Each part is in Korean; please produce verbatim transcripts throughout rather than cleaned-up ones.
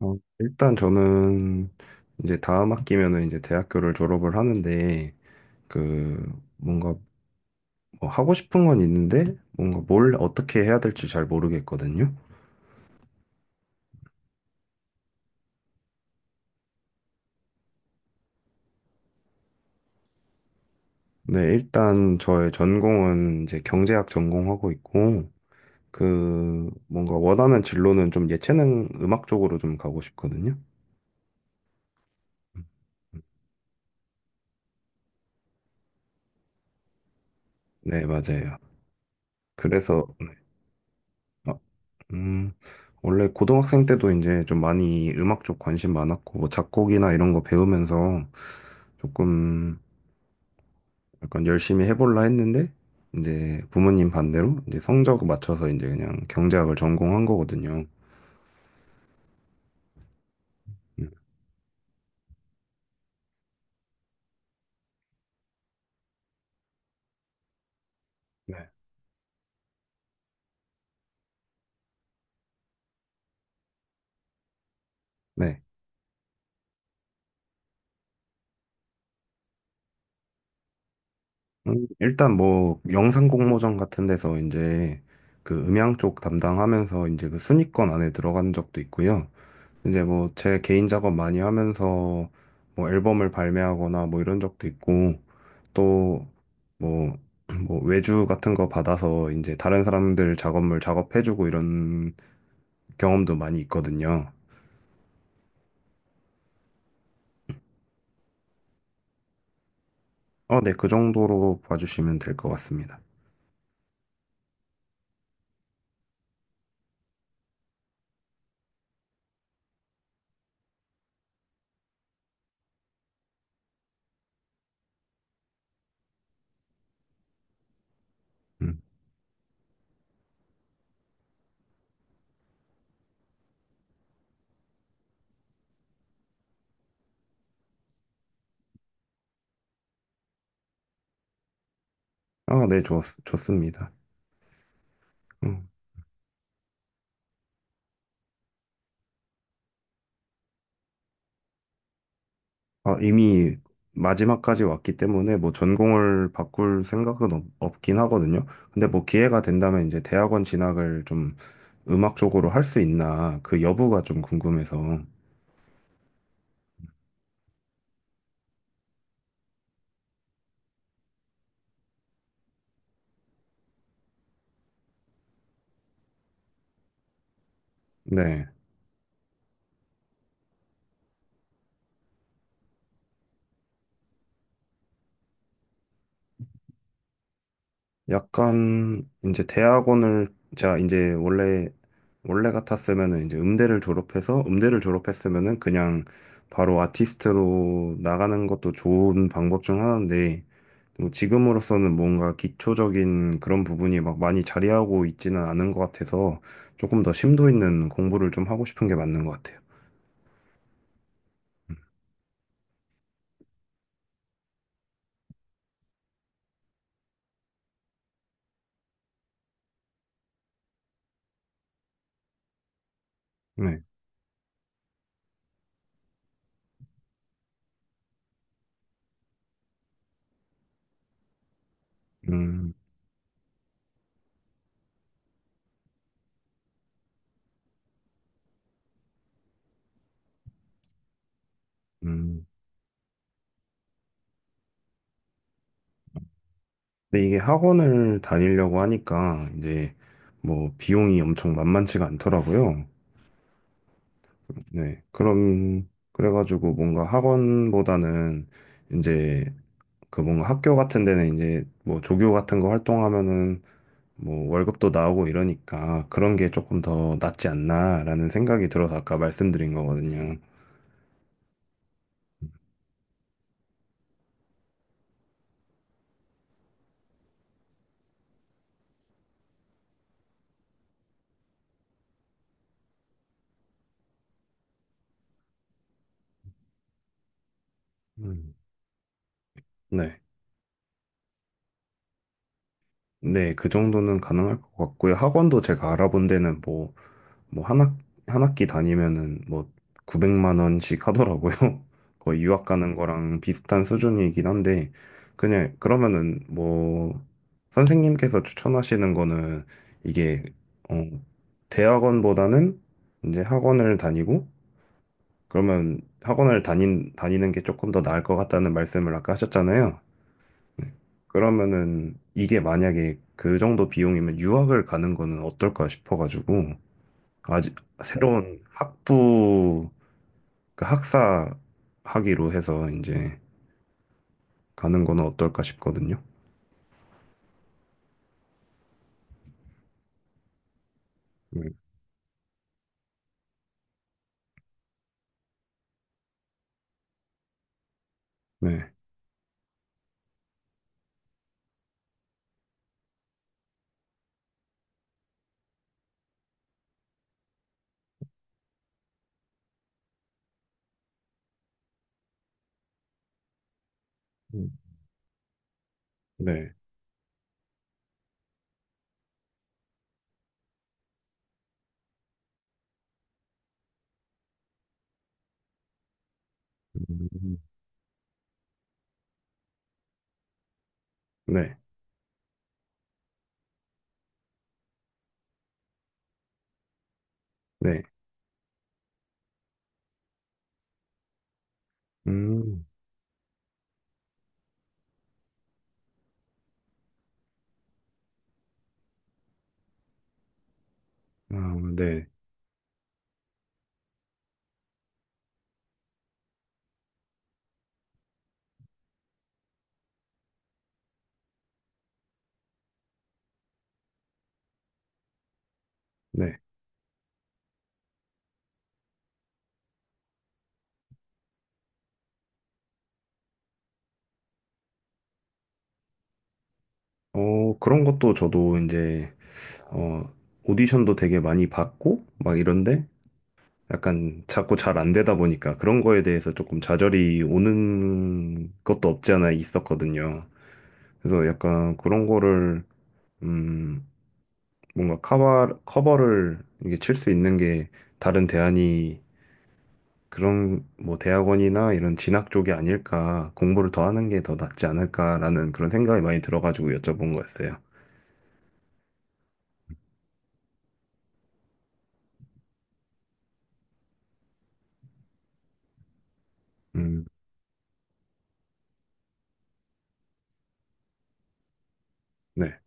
어, 일단 저는 이제 다음 학기면은 이제 대학교를 졸업을 하는데 그 뭔가 뭐 하고 싶은 건 있는데 뭔가 뭘 어떻게 해야 될지 잘 모르겠거든요. 네, 일단 저의 전공은 이제 경제학 전공하고 있고 그 뭔가 원하는 진로는 좀 예체능 음악 쪽으로 좀 가고 싶거든요. 음, 음. 네, 맞아요. 그래서 네. 어, 음, 원래 고등학생 때도 이제 좀 많이 음악 쪽 관심 많았고, 뭐 작곡이나 이런 거 배우면서 조금 약간 열심히 해볼라 했는데, 이제 부모님 반대로 이제 성적 맞춰서 이제 그냥 경제학을 전공한 거거든요. 음, 네. 네. 음, 일단 뭐 영상 공모전 같은 데서 이제 그 음향 쪽 담당하면서 이제 그 순위권 안에 들어간 적도 있고요. 이제 뭐 제 개인 작업 많이 하면서 뭐 앨범을 발매하거나 뭐 이런 적도 있고, 또 뭐, 뭐 외주 같은 거 받아서 이제 다른 사람들 작업물 작업해주고 이런 경험도 많이 있거든요. 어, 네, 그 정도로 봐주시면 될 것 같습니다. 음. 아, 네, 좋, 좋습니다. 음. 아, 이미 마지막까지 왔기 때문에 뭐 전공을 바꿀 생각은 없, 없긴 하거든요. 근데 뭐 기회가 된다면 이제 대학원 진학을 좀 음악 쪽으로 할 수 있나 그 여부가 좀 궁금해서. 네. 약간 이제 대학원을 제가 이제 원래 원래 같았으면은 이제 음대를 졸업해서 음대를 졸업했으면은 그냥 바로 아티스트로 나가는 것도 좋은 방법 중 하나인데 뭐 지금으로서는 뭔가 기초적인 그런 부분이 막 많이 자리하고 있지는 않은 것 같아서 조금 더 심도 있는 공부를 좀 하고 싶은 게 맞는 것 같아요. 네. 음, 음. 근데 이게 학원을 다니려고 하니까 이제 뭐 비용이 엄청 만만치가 않더라고요. 네. 그럼, 그래가지고 뭔가 학원보다는 이제 그 뭔가 학교 같은 데는 이제 뭐 조교 같은 거 활동하면은 뭐 월급도 나오고 이러니까 그런 게 조금 더 낫지 않나라는 생각이 들어서 아까 말씀드린 거거든요. 음. 네. 네. 그 정도는 가능할 것 같고요. 학원도 제가 알아본 데는 뭐 뭐 한 학, 한 학기 다니면은 뭐 구백만 원씩 하더라고요. 거의 유학 가는 거랑 비슷한 수준이긴 한데 그냥 그러면은 뭐 선생님께서 추천하시는 거는 이게 어 대학원보다는 이제 학원을 다니고 그러면 학원을 다닌 다니는 게 조금 더 나을 것 같다는 말씀을 아까 하셨잖아요. 그러면은 이게 만약에 그 정도 비용이면 유학을 가는 거는 어떨까 싶어가지고 아직 새로운 학부 그 학사 학위로 해서 이제 가는 건 어떨까 싶거든요. 음, 네, 음, 네, 음, 네, 네, 음, 아, 네, 네. 어 그런 것도 저도 이제 어 오디션도 되게 많이 받고 막 이런데 약간 자꾸 잘 안 되다 보니까 그런 거에 대해서 조금 좌절이 오는 것도 없지 않아 있었거든요. 그래서 약간 그런 거를 음... 뭔가 커버, 커버를 이게 칠 수 있는 게 다른 대안이 그런 뭐 대학원이나 이런 진학 쪽이 아닐까, 공부를 더 하는 게 더 낫지 않을까라는 그런 생각이 많이 들어가지고 여쭤본 거였어요. 음, 네,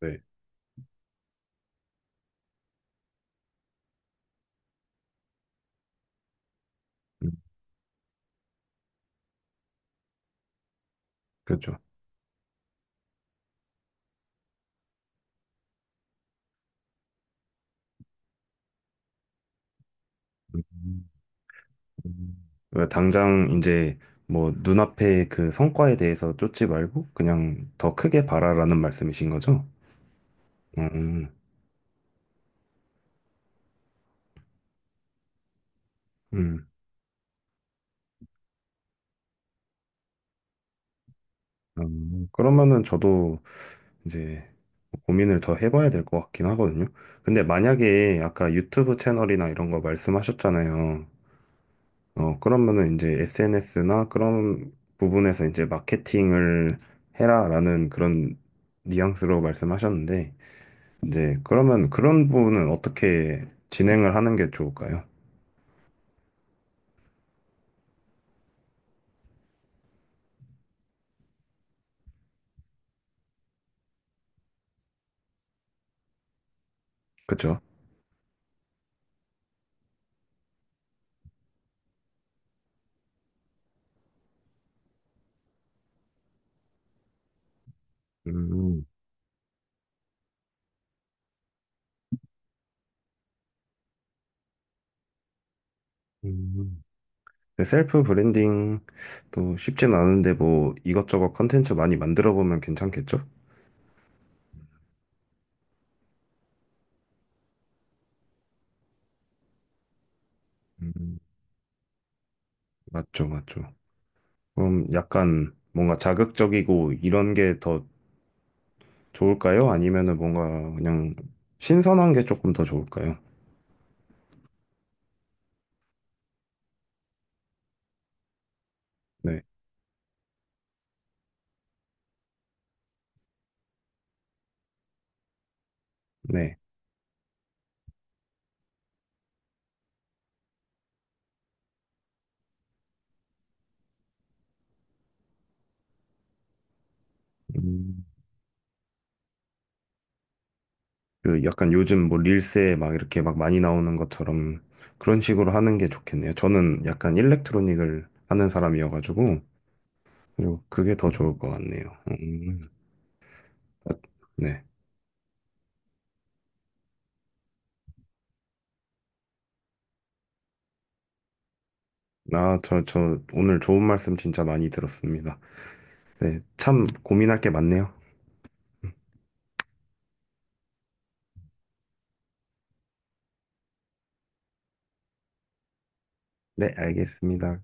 네, 음, 그렇죠. 음, 음. 그러니까 당장 이제 뭐 눈앞에 그 성과에 대해서 쫓지 말고 그냥 더 크게 바라라는 말씀이신 거죠? 음, 음. 음. 그러면은 저도 이제 고민을 더 해봐야 될 것 같긴 하거든요. 근데 만약에 아까 유튜브 채널이나 이런 거 말씀하셨잖아요. 어, 그러면은 이제 에스엔에스나 그런 부분에서 이제 마케팅을 해라라는 그런 뉘앙스로 말씀하셨는데, 이제 그러면 그런 부분은 어떻게 진행을 하는 게 좋을까요? 그쵸? 음, 음. 근데 셀프 브랜딩도 쉽진 않은데 뭐 이것저것 컨텐츠 많이 만들어 보면 괜찮겠죠? 음, 맞죠, 맞죠. 그럼 약간 뭔가 자극적이고 이런 게 더 좋을까요? 아니면은 뭔가 그냥 신선한 게 조금 더 좋을까요? 네, 네. 음, 그 약간 요즘 뭐 릴스에 막 이렇게 막 많이 나오는 것처럼 그런 식으로 하는 게 좋겠네요. 저는 약간 일렉트로닉을 하는 사람이어가지고 그리고 그게 더 좋을 것 같네요. 음, 아, 네. 아, 저, 저 오늘 좋은 말씀 진짜 많이 들었습니다. 네, 참 고민할 게 많네요. 네, 알겠습니다.